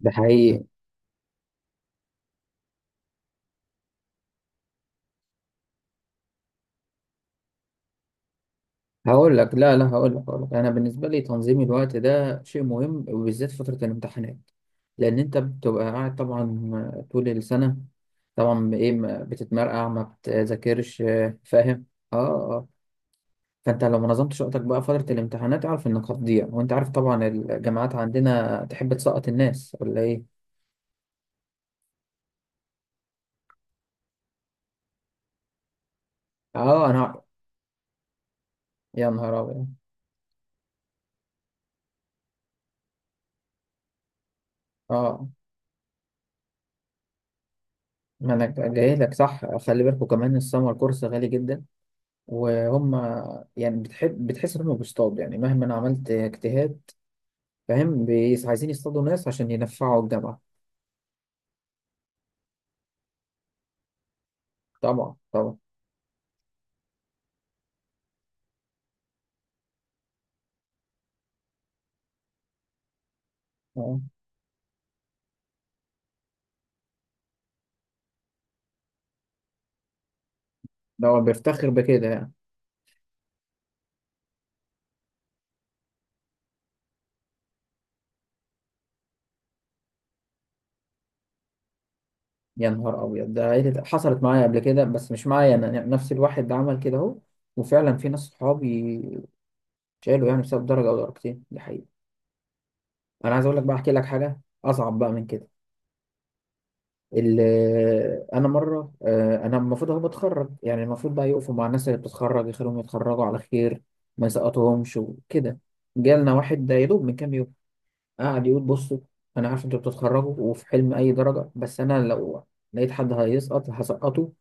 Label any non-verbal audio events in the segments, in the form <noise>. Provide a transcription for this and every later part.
ده حقيقي. هقول لك لا لا هقول لك هقول لك انا بالنسبه لي تنظيم الوقت ده شيء مهم، وبالذات فتره الامتحانات، لان انت بتبقى قاعد طبعا طول السنه، طبعا ايه، ما بتتمرقع، ما بتذاكرش، فاهم. اه. فانت لو ما نظمتش وقتك بقى فتره الامتحانات اعرف انك هتضيع، وانت عارف طبعا الجامعات عندنا تحب تسقط الناس ولا ايه. اه انا. يا نهار ابيض. اه، ما انا جاي لك، صح، خلي بالكوا كمان السمر كورس غالي جدا، وهم يعني بتحب بتحس إنهم بيصطادوا، يعني مهما أنا عملت اجتهاد، فاهم، عايزين يصطادوا ناس عشان ينفعوا الجامعة. طبعا طبعا. آه. ده هو بيفتخر بكده يعني. يا نهار أبيض. حصلت معايا قبل كده، بس مش معايا أنا يعني، نفس الواحد ده عمل كده أهو. وفعلا في ناس صحابي شالوا يعني بسبب درجة أو درجتين، دي حقيقة. أنا عايز أقول لك بقى، أحكي لك حاجة أصعب بقى من كده. ال- آه، انا مره آه، انا المفروض اهو بتخرج، يعني المفروض بقى يقفوا مع الناس اللي بتتخرج يخليهم يتخرجوا على خير، ما يسقطهمش وكده. جالنا واحد ده يا دوب من كام يوم، قعد يقول بصوا، انا عارف انتوا بتتخرجوا وفي حلم اي درجه، بس انا لو لقيت حد هيسقط هسقطه،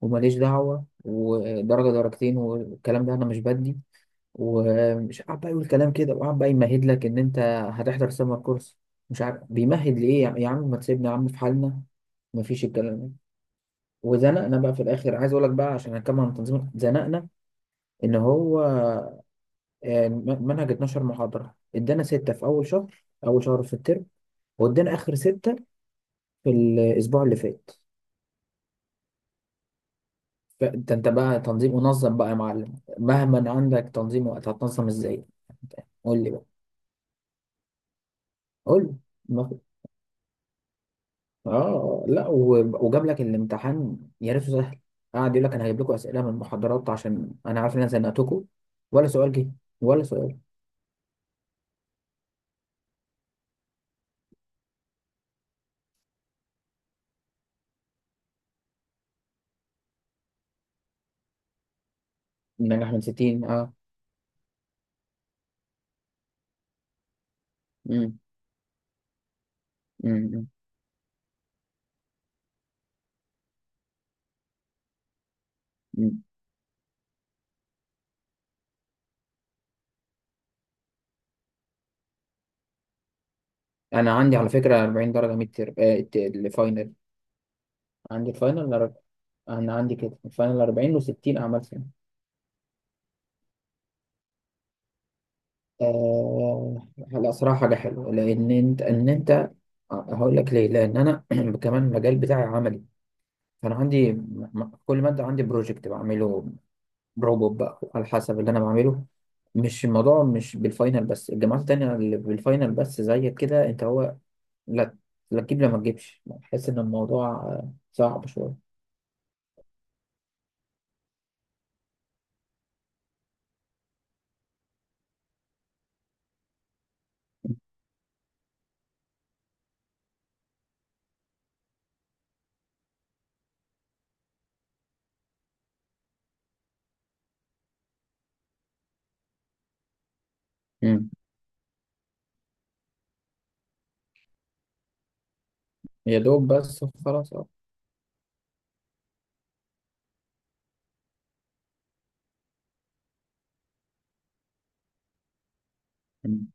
وماليش دعوه ودرجه درجتين والكلام ده انا مش بدي. ومش قاعد بقى يقول كلام كده، وقاعد بقى يمهد لك ان انت هتحضر سمر كورس، مش عارف بيمهد ليه. يا عم ما تسيبنا يا عم في حالنا، مفيش الكلام ده. وزنقنا بقى في الاخر. عايز اقول لك بقى عشان هنكمل عن تنظيم، زنقنا ان هو منهج 12 محاضره، ادانا سته في اول شهر اول شهر في الترم، وادانا اخر سته في الاسبوع اللي فات. فانت انت بقى تنظيم، منظم بقى يا معلم. مهما عندك تنظيم وقت هتنظم ازاي، قول لي بقى. قول لي. اه لا، وجاب لك الامتحان يا ريته سهل، قعد يقول لك انا هجيب لكم اسئله من المحاضرات عشان انا عارف ان انا زنقتكم، ولا سؤال جه، ولا سؤال. النجاح من 60، اه. امم. امم. امم، انا عندي على فكره 40 درجه ميد تيرم، الفاينل. عندي الفاينل أر- انا عندي كده الفاينل 40 و60 اعمال سنه. آه لا صراحه حاجه حلوه، لان ان انت، آه، هقول لك ليه، لان انا <clears throat> كمان المجال بتاعي عملي، فانا عندي كل ماده عندي بروجكت بعمله، روبوت بقى على حسب اللي انا بعمله، مش الموضوع مش بالفاينل بس، الجامعات التانية اللي بالفاينل بس زيك كده انت هو، لا، لا تجيب، لا ما تجيبش، بحس ان الموضوع صعب شوية. امم. يا دوب بس، خلاص، اه. مم.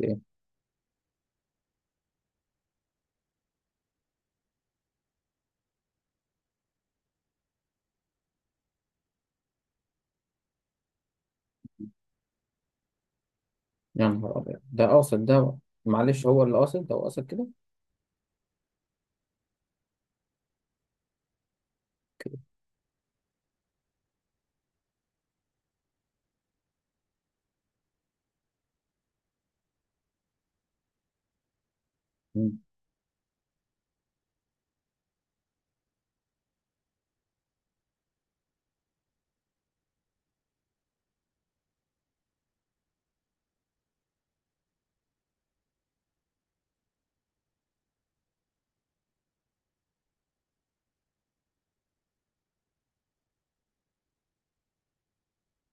إيه؟ يا نهار ابيض، ده قاصد ده، معلش هو اللي قاصد، ده هو قاصد كده كده. مم.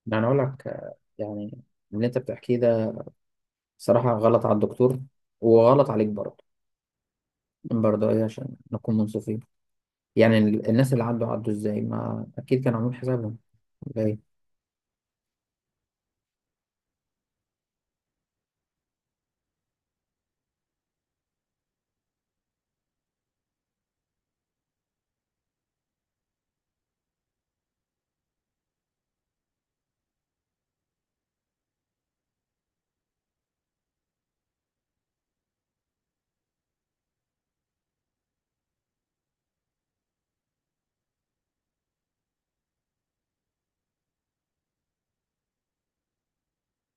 يعني اقول لك، يعني اللي انت بتحكيه ده صراحة غلط على الدكتور، وغلط عليك برضه. برضه ايه عشان نكون منصفين، يعني الناس اللي عدوا عدوا ازاي، ما اكيد كانوا عاملين حسابهم، ولا إيه؟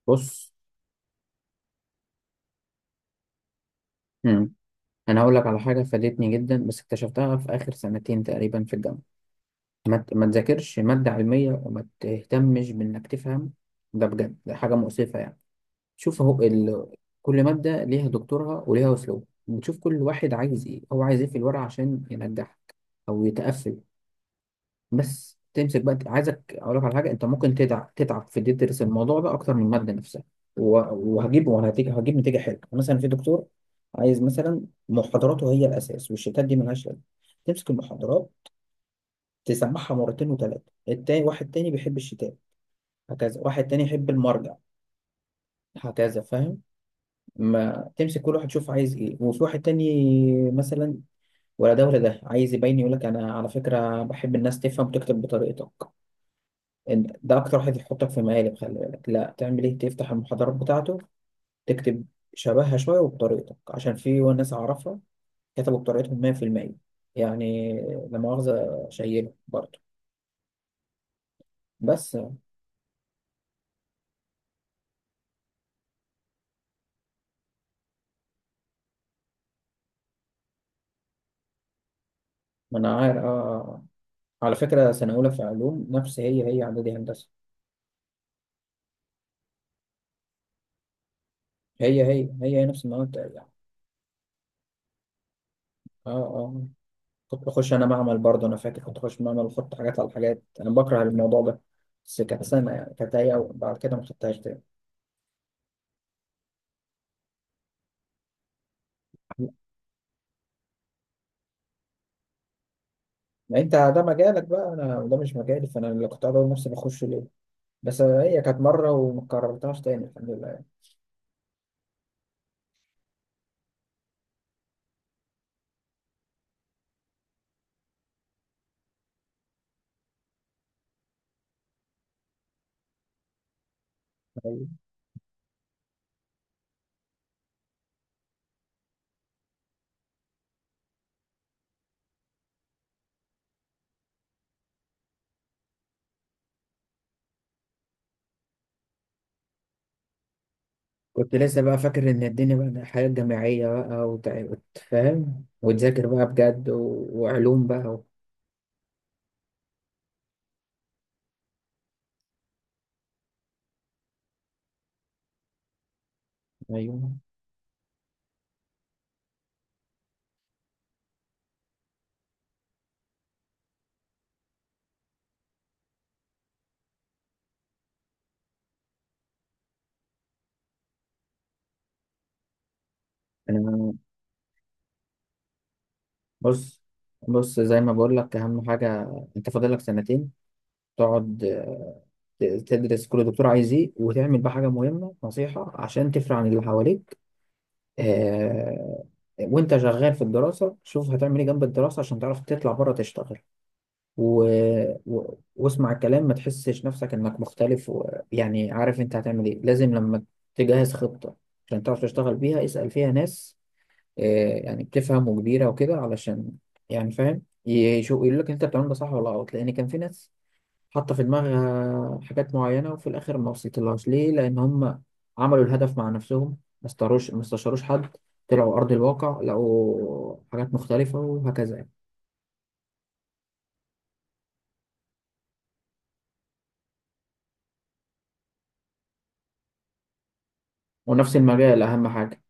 بص. مم. انا هقول لك على حاجه فادتني جدا، بس اكتشفتها في اخر سنتين تقريبا في الجامعه. ما تذاكرش ماده علميه وما تهتمش بانك تفهم، ده بجد ده حاجه مؤسفه يعني. شوف اهو كل ماده ليها دكتورها وليها اسلوب، بتشوف كل واحد عايز ايه، هو عايز ايه في الورقه عشان ينجح او يتقفل. بس تمسك بقى، عايزك اقول لك على حاجه، انت ممكن تتعب تتعب في إن أنت تدرس الموضوع ده اكتر من الماده نفسها، و- وهجيب وهتيجي هجيب نتيجه حلوه، يعني مثلا في دكتور عايز مثلا محاضراته هي الاساس، والشتات دي ملهاش لازمه، تمسك المحاضرات تسمعها مرتين وثلاثه. التاني واحد تاني بيحب الشتات هكذا، واحد تاني يحب المرجع هكذا، فاهم. ما تمسك كل واحد يشوف عايز ايه. وفي واحد تاني مثلا ولا ده ولا ده، عايز يبين يقول لك انا على فكره بحب الناس تفهم وتكتب بطريقتك، انت ده اكتر واحد يحطك في مقالب، خلي بالك، لا تعمل ايه، تفتح المحاضرات بتاعته تكتب شبهها شويه وبطريقتك، عشان في ناس اعرفها كتبوا بطريقتهم 100%، يعني، لا مؤاخذه، شايله برضه. بس ما انا عارف. آه. آه. على فكره سنه اولى في علوم نفس هي هي اعدادي هندسه، هي هي نفس المواد يعني. اه. اه. كنت بخش انا معمل برضه، انا فاكر كنت بخش معمل واحط حاجات على حاجات، انا بكره الموضوع ده، بس كانت سنه يعني، كانت هي بعد كده ما خدتهاش تاني. ما انت ده مجالك بقى، انا وده مش مجالي، فانا اللي كنت اقول نفسي بخش ليه، بس هي كانت مره وما كررتهاش تاني الحمد لله. يعني. كنت لسه بقى فاكر ان الدنيا بقى حياه جامعيه بقى، وتفهم وتذاكر بقى بجد، وعلوم بقى ايوه انا. بص بص زي ما بقول لك، اهم حاجه انت فاضل لك سنتين، تقعد، تدرس كل دكتور عايز ايه، وتعمل بقى حاجه مهمه، نصيحه عشان تفرق عن اللي حواليك، آه، وانت شغال في الدراسة، شوف هتعمل ايه جنب الدراسة عشان تعرف تطلع بره تشتغل، و... واسمع الكلام، ما تحسش نفسك انك مختلف، يعني عارف انت هتعمل ايه، لازم لما تجهز خطة عشان تعرف تشتغل بيها اسأل فيها ناس، آه، يعني بتفهم وكبيرة وكده، علشان يعني فاهم، يشوف يقول لك انت بتعمل ده صح ولا غلط. لان كان في ناس حاطة في دماغها حاجات معينة وفي الآخر ما وصلتلهاش، ليه؟ لأن هم عملوا الهدف مع نفسهم، ما استشاروش حد، طلعوا أرض الواقع لقوا حاجات مختلفة، وهكذا يعني. ونفس المجال أهم حاجة.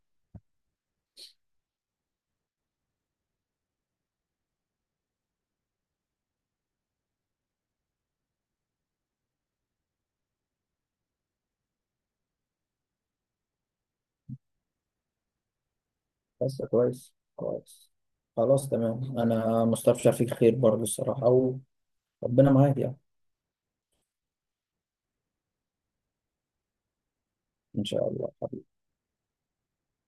بس كويس كويس، خلاص تمام، انا مستبشر فيك خير برضه الصراحه، وربنا معاك يعني. ان شاء الله.